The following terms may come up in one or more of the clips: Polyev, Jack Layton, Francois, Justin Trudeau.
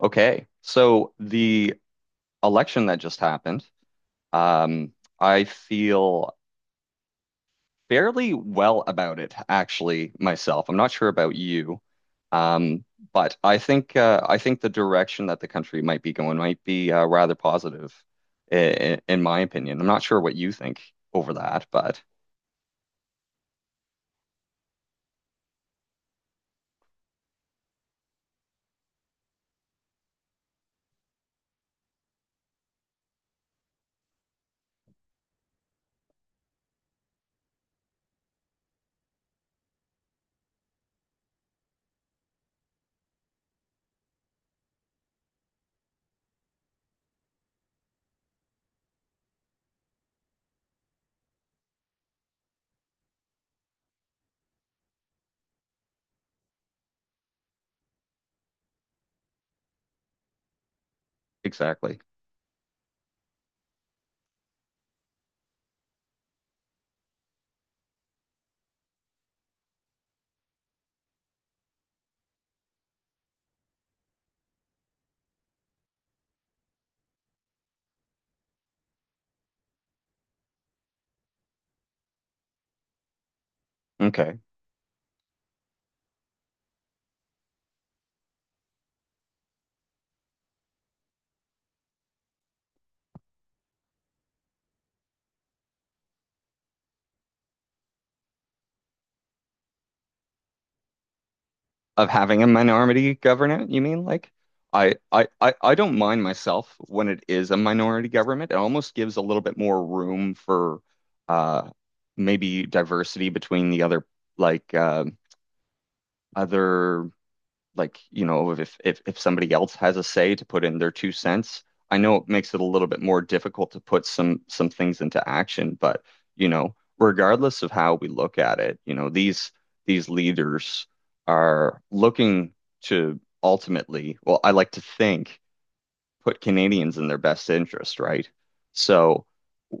Okay. So the election that just happened, um, I feel fairly well about it, actually, myself. I'm not sure about you, um, but I think the direction that the country might be going might be rather positive, in my opinion. I'm not sure what you think over that, but exactly. Okay. Of having a minority government, you mean? Like, I don't mind myself when it is a minority government. It almost gives a little bit more room for uh, maybe diversity between the other, like, other, like, you know, if somebody else has a say to put in their two cents. I know it makes it a little bit more difficult to put some things into action, but you know, regardless of how we look at it, you know, these leaders are looking to ultimately, well, I like to think put Canadians in their best interest, right? So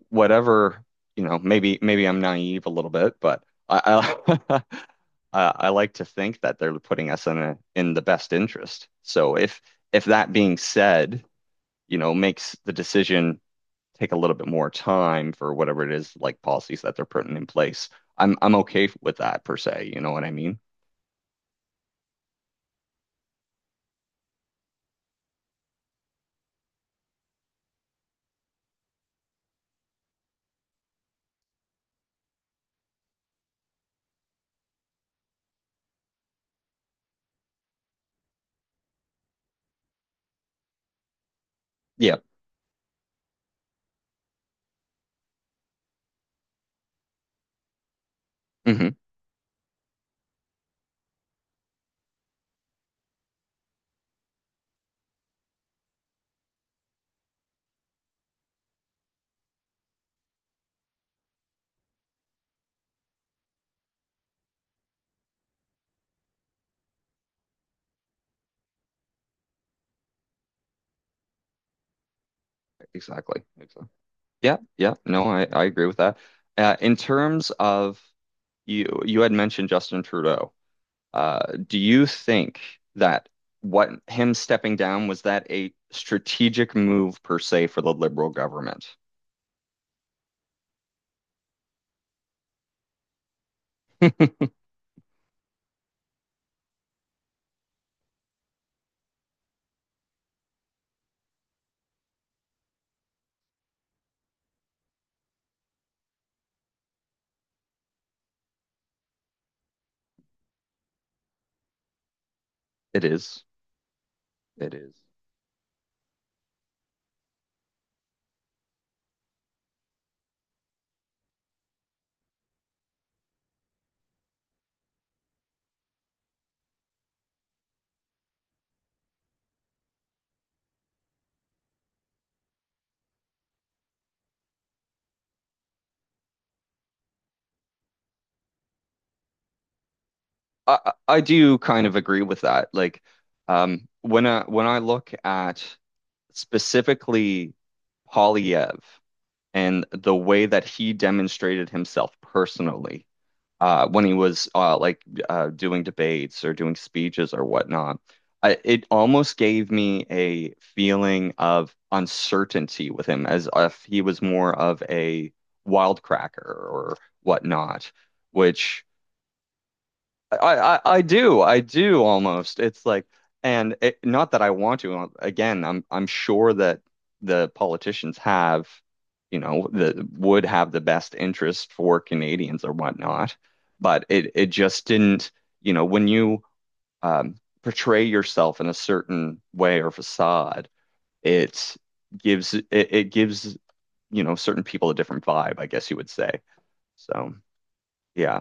whatever, you know, maybe I'm naive a little bit, but I I, I like to think that they're putting us in a, in the best interest. So if that being said, you know, makes the decision take a little bit more time for whatever it is, like policies that they're putting in place, I'm okay with that per se. You know what I mean? Yeah. Hmm. Exactly. Exactly. Yeah. Yeah. No, I agree with that. In terms of, you had mentioned Justin Trudeau. Do you think that what, him stepping down, was that a strategic move per se for the Liberal government? It is. It is. I do kind of agree with that. Like, when I look at specifically Polyev and the way that he demonstrated himself personally, when he was like, doing debates or doing speeches or whatnot. It almost gave me a feeling of uncertainty with him, as if he was more of a wildcracker or whatnot, which I, I do almost. It's like, and it, not that I want to. Again, I'm sure that the politicians have, you know, the would have the best interest for Canadians or whatnot, but it just didn't. You know, when you um, portray yourself in a certain way or facade, it it gives you know certain people a different vibe, I guess you would say. So yeah.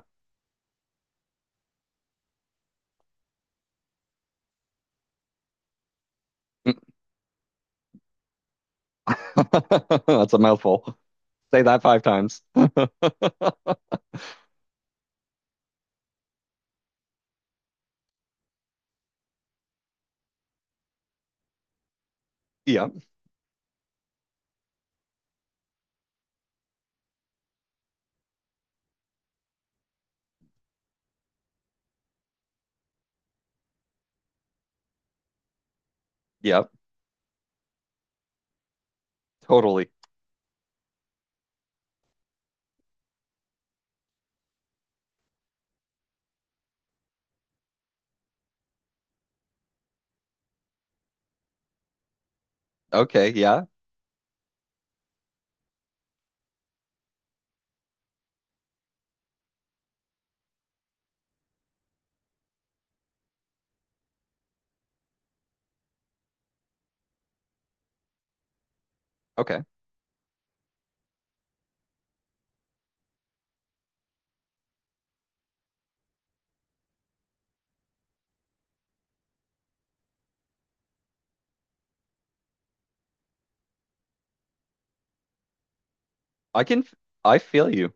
That's a mouthful. Say that five times. Yeah, yeah, totally. Okay, yeah, okay. I can, I feel you.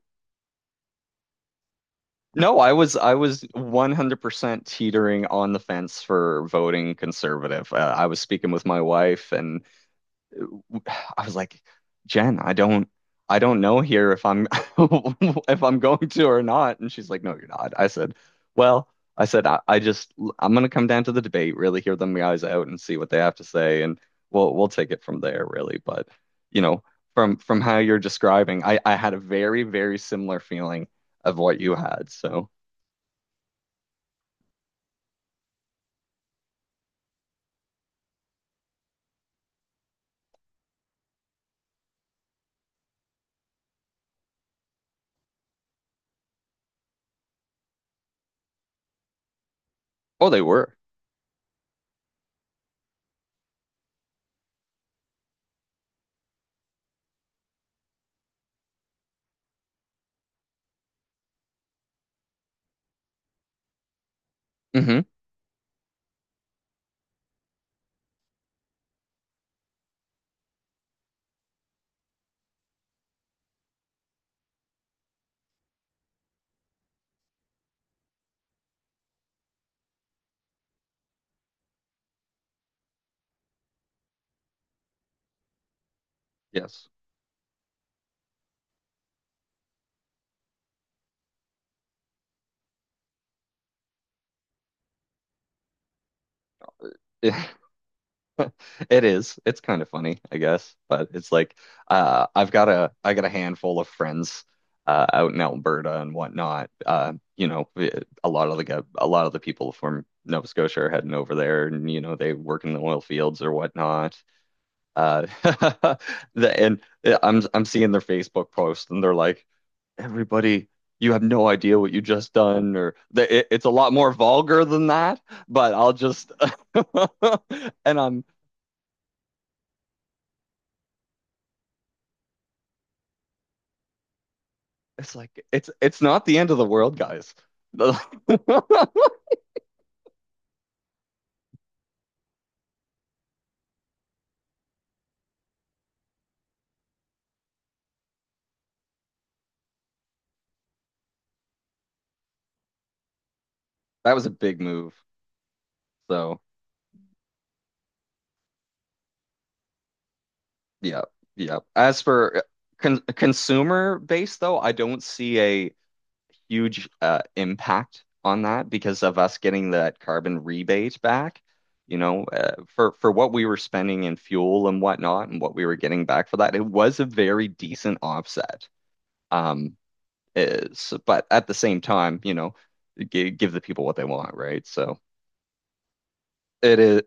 No, I was 100% teetering on the fence for voting conservative. I was speaking with my wife, and I was like, Jen, I don't know here if I'm if I'm going to or not. And she's like, no, you're not. I said, well, I said, I just I'm gonna come down to the debate, really hear them guys out and see what they have to say, and we'll take it from there, really. But you know, from how you're describing, I had a very, very similar feeling of what you had. So. Oh, they were. Hmm. Yes. It is. It's kind of funny, I guess, but it's like, I got a handful of friends out in Alberta and whatnot. You know, a lot of the people from Nova Scotia are heading over there, and you know they work in the oil fields or whatnot. Uh, the, and I'm seeing their Facebook post, and they're like, "Everybody, you have no idea what you just done," or it's a lot more vulgar than that. But I'll just and I'm It's like, it's not the end of the world, guys. That was a big move. So yeah, yeah. As for consumer base, though, I don't see a huge impact on that because of us getting that carbon rebate back. You know, for what we were spending in fuel and whatnot, and what we were getting back for that, it was a very decent offset. Um, is But at the same time, you know, g give the people what they want, right? So it is.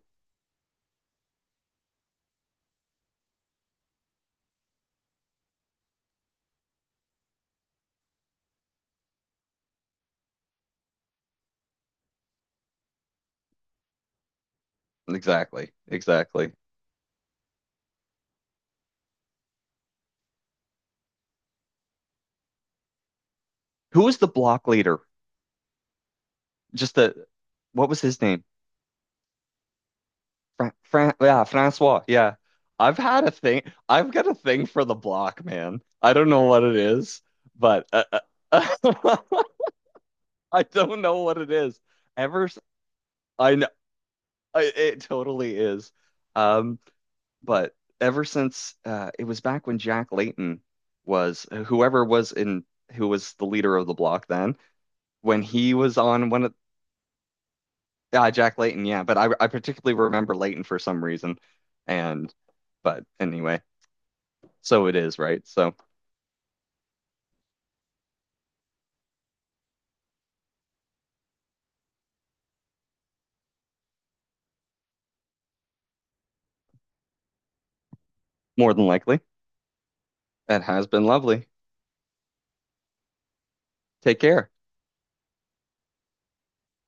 Exactly. Exactly. Who was the block leader? Just the, what was his name? Fra Fran Yeah, Francois. Yeah. I've had a thing. I've got a thing for the block, man. I don't know what it is, but uh, I don't know what it is. Ever s- I know, it totally is. Um, but ever since it was back when Jack Layton was, whoever was in, who was the leader of the block then, when he was on one of. Jack Layton, yeah, but I particularly remember Layton for some reason. And but anyway, so it is, right? So more than likely, that has been lovely. Take care.